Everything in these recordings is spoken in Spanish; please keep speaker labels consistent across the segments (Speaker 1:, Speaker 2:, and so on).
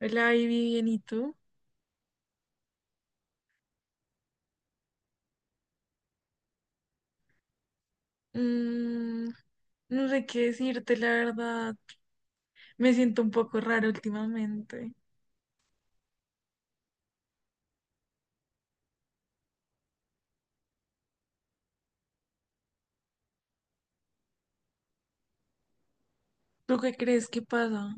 Speaker 1: Hola, Ivy, bien, ¿y tú? Mm, no sé qué decirte, la verdad. Me siento un poco raro últimamente. ¿Tú qué crees que pasa?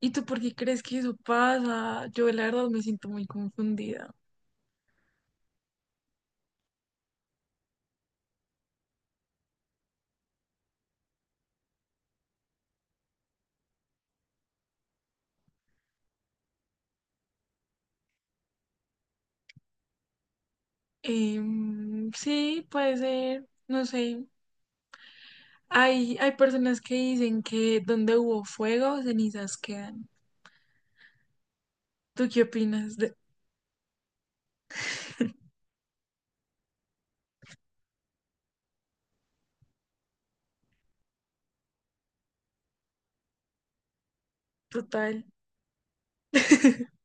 Speaker 1: ¿Y tú por qué crees que eso pasa? Yo, la verdad, me siento muy confundida. Sí, puede ser, no sé. Hay personas que dicen que donde hubo fuego, cenizas quedan. ¿Tú qué opinas de total?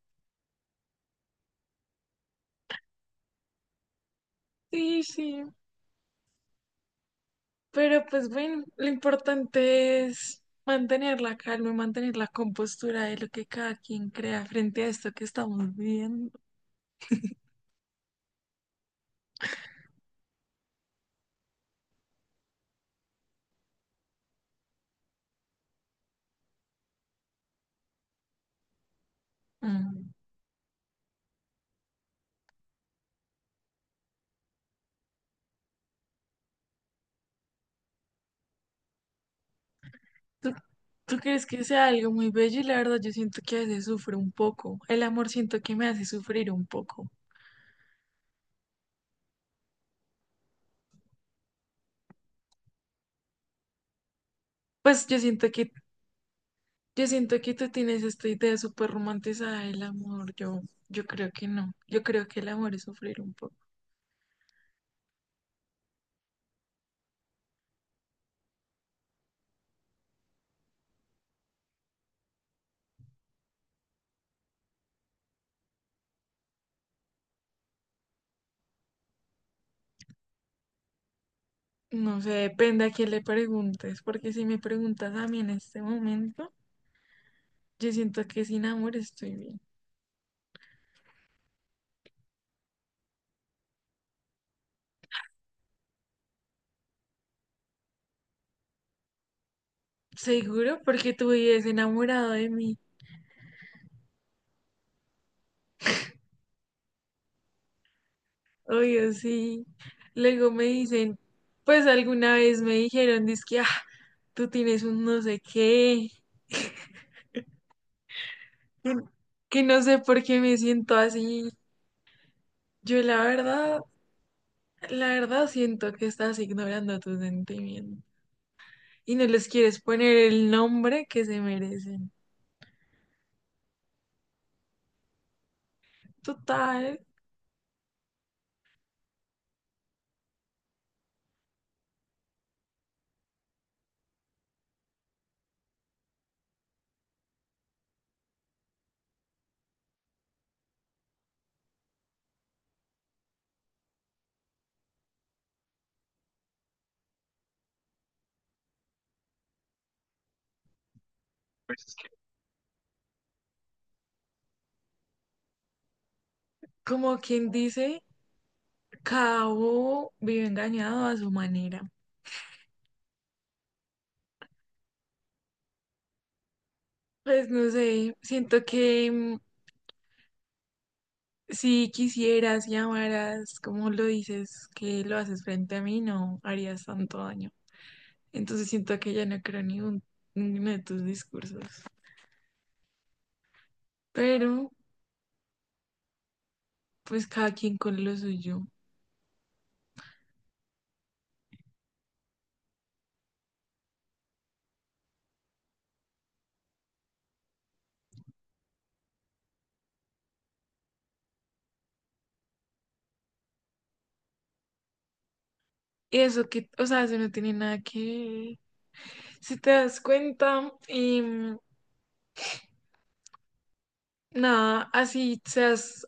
Speaker 1: Sí, sí. Pero pues bueno, lo importante es mantener la calma, y mantener la compostura de lo que cada quien crea frente a esto que estamos viviendo. Mm. ¿Tú, tú crees que sea algo muy bello? Y la verdad yo siento que a veces sufro un poco. El amor siento que me hace sufrir un poco. Pues yo siento que, yo siento que tú tienes esta idea súper romantizada del amor. Yo creo que no. Yo creo que el amor es sufrir un poco. No sé, depende a quién le preguntes, porque si me preguntas a mí en este momento. Yo siento que sin amor estoy bien. Seguro porque tú vives enamorado de mí. Obvio, sí. Luego me dicen, pues alguna vez me dijeron, dizque, ah, tú tienes un no sé qué, que que no sé por qué me siento así. Yo la verdad, la verdad siento que estás ignorando tus sentimientos y no les quieres poner el nombre que se merecen. Total. Pues como quien dice, cada bobo vive engañado a su manera. Pues no sé, siento que si quisieras y amaras, como lo dices, que lo haces frente a mí, no harías tanto daño. Entonces siento que ya no creo en ninguno de tus discursos. Pero, pues cada quien con lo suyo. Y eso que, o sea, eso no tiene nada que... Si te das cuenta, y nada, así seas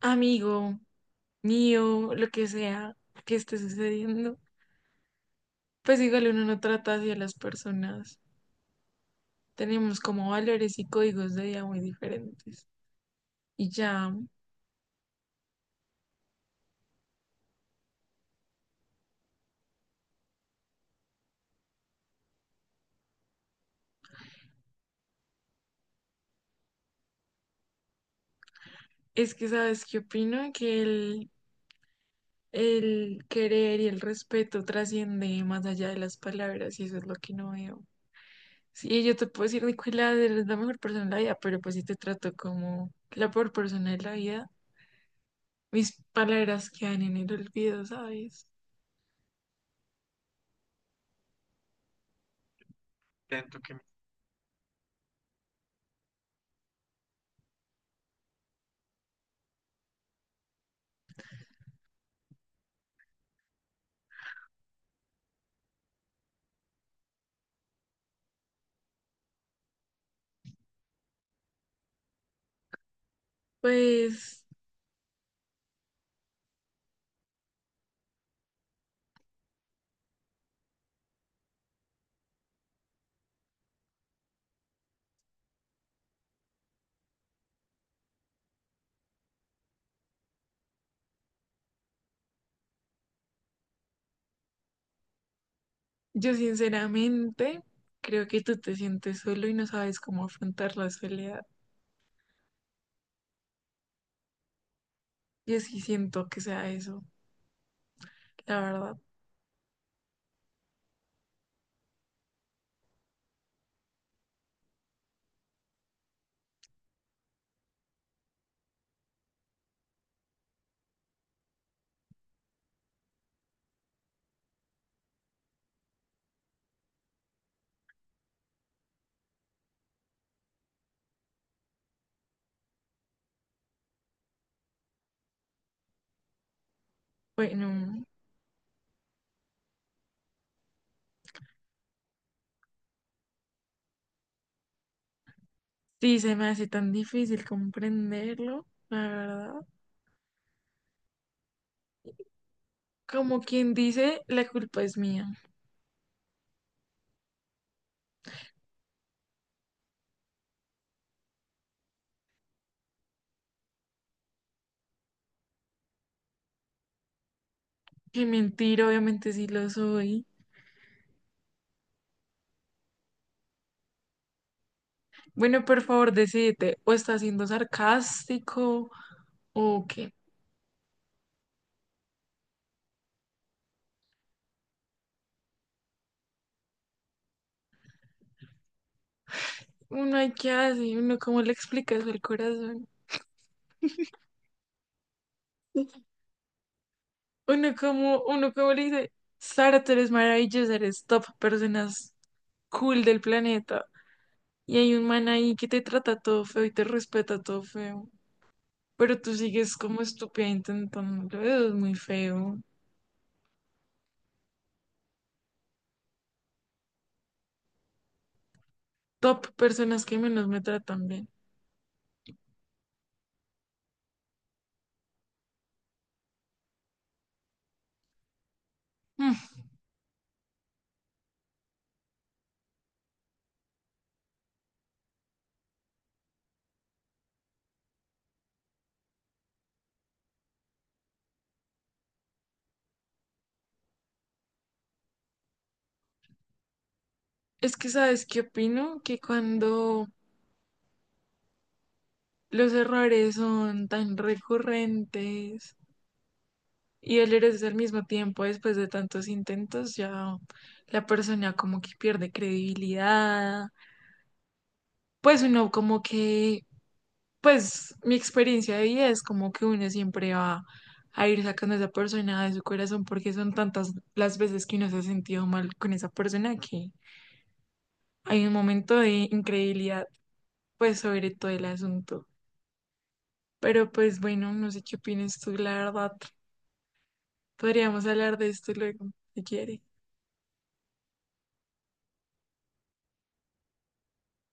Speaker 1: amigo mío, lo que sea que esté sucediendo, pues igual uno no trata así a las personas. Tenemos como valores y códigos de vida muy diferentes. Y ya, es que sabes qué opino, el querer y el respeto trasciende más allá de las palabras y eso es lo que no veo. Sí, yo te puedo decir, Nicolás, eres la mejor persona de la vida, pero pues si te trato como la peor persona de la vida, mis palabras quedan en el olvido, ¿sabes? Pues yo sinceramente creo que tú te sientes solo y no sabes cómo afrontar la soledad. Yo sí siento que sea eso, la verdad. Bueno, sí, se me hace tan difícil comprenderlo, la verdad. Como quien dice, la culpa es mía. Qué mentira, obviamente sí lo soy. Bueno, por favor, decídete, o está siendo sarcástico, o qué. Uno hay que hacer, uno cómo le explica eso al corazón. Uno como le dice, Sara, tú eres maravillosa, eres top, personas cool del planeta. Y hay un man ahí que te trata todo feo y te respeta todo feo. Pero tú sigues como estúpida intentándolo. Eso es muy feo. Top personas que menos me tratan bien. Mm, Es que, ¿sabes qué opino? Que cuando los errores son tan recurrentes y el eres al mismo tiempo después de tantos intentos, ya la persona como que pierde credibilidad. Pues uno como que Pues mi experiencia de vida es como que uno siempre va a ir sacando a esa persona de su corazón porque son tantas las veces que uno se ha sentido mal con esa persona que hay un momento de incredulidad, pues sobre todo el asunto. Pero pues bueno, no sé qué opinas tú, la verdad. Podríamos hablar de esto luego, si quieres.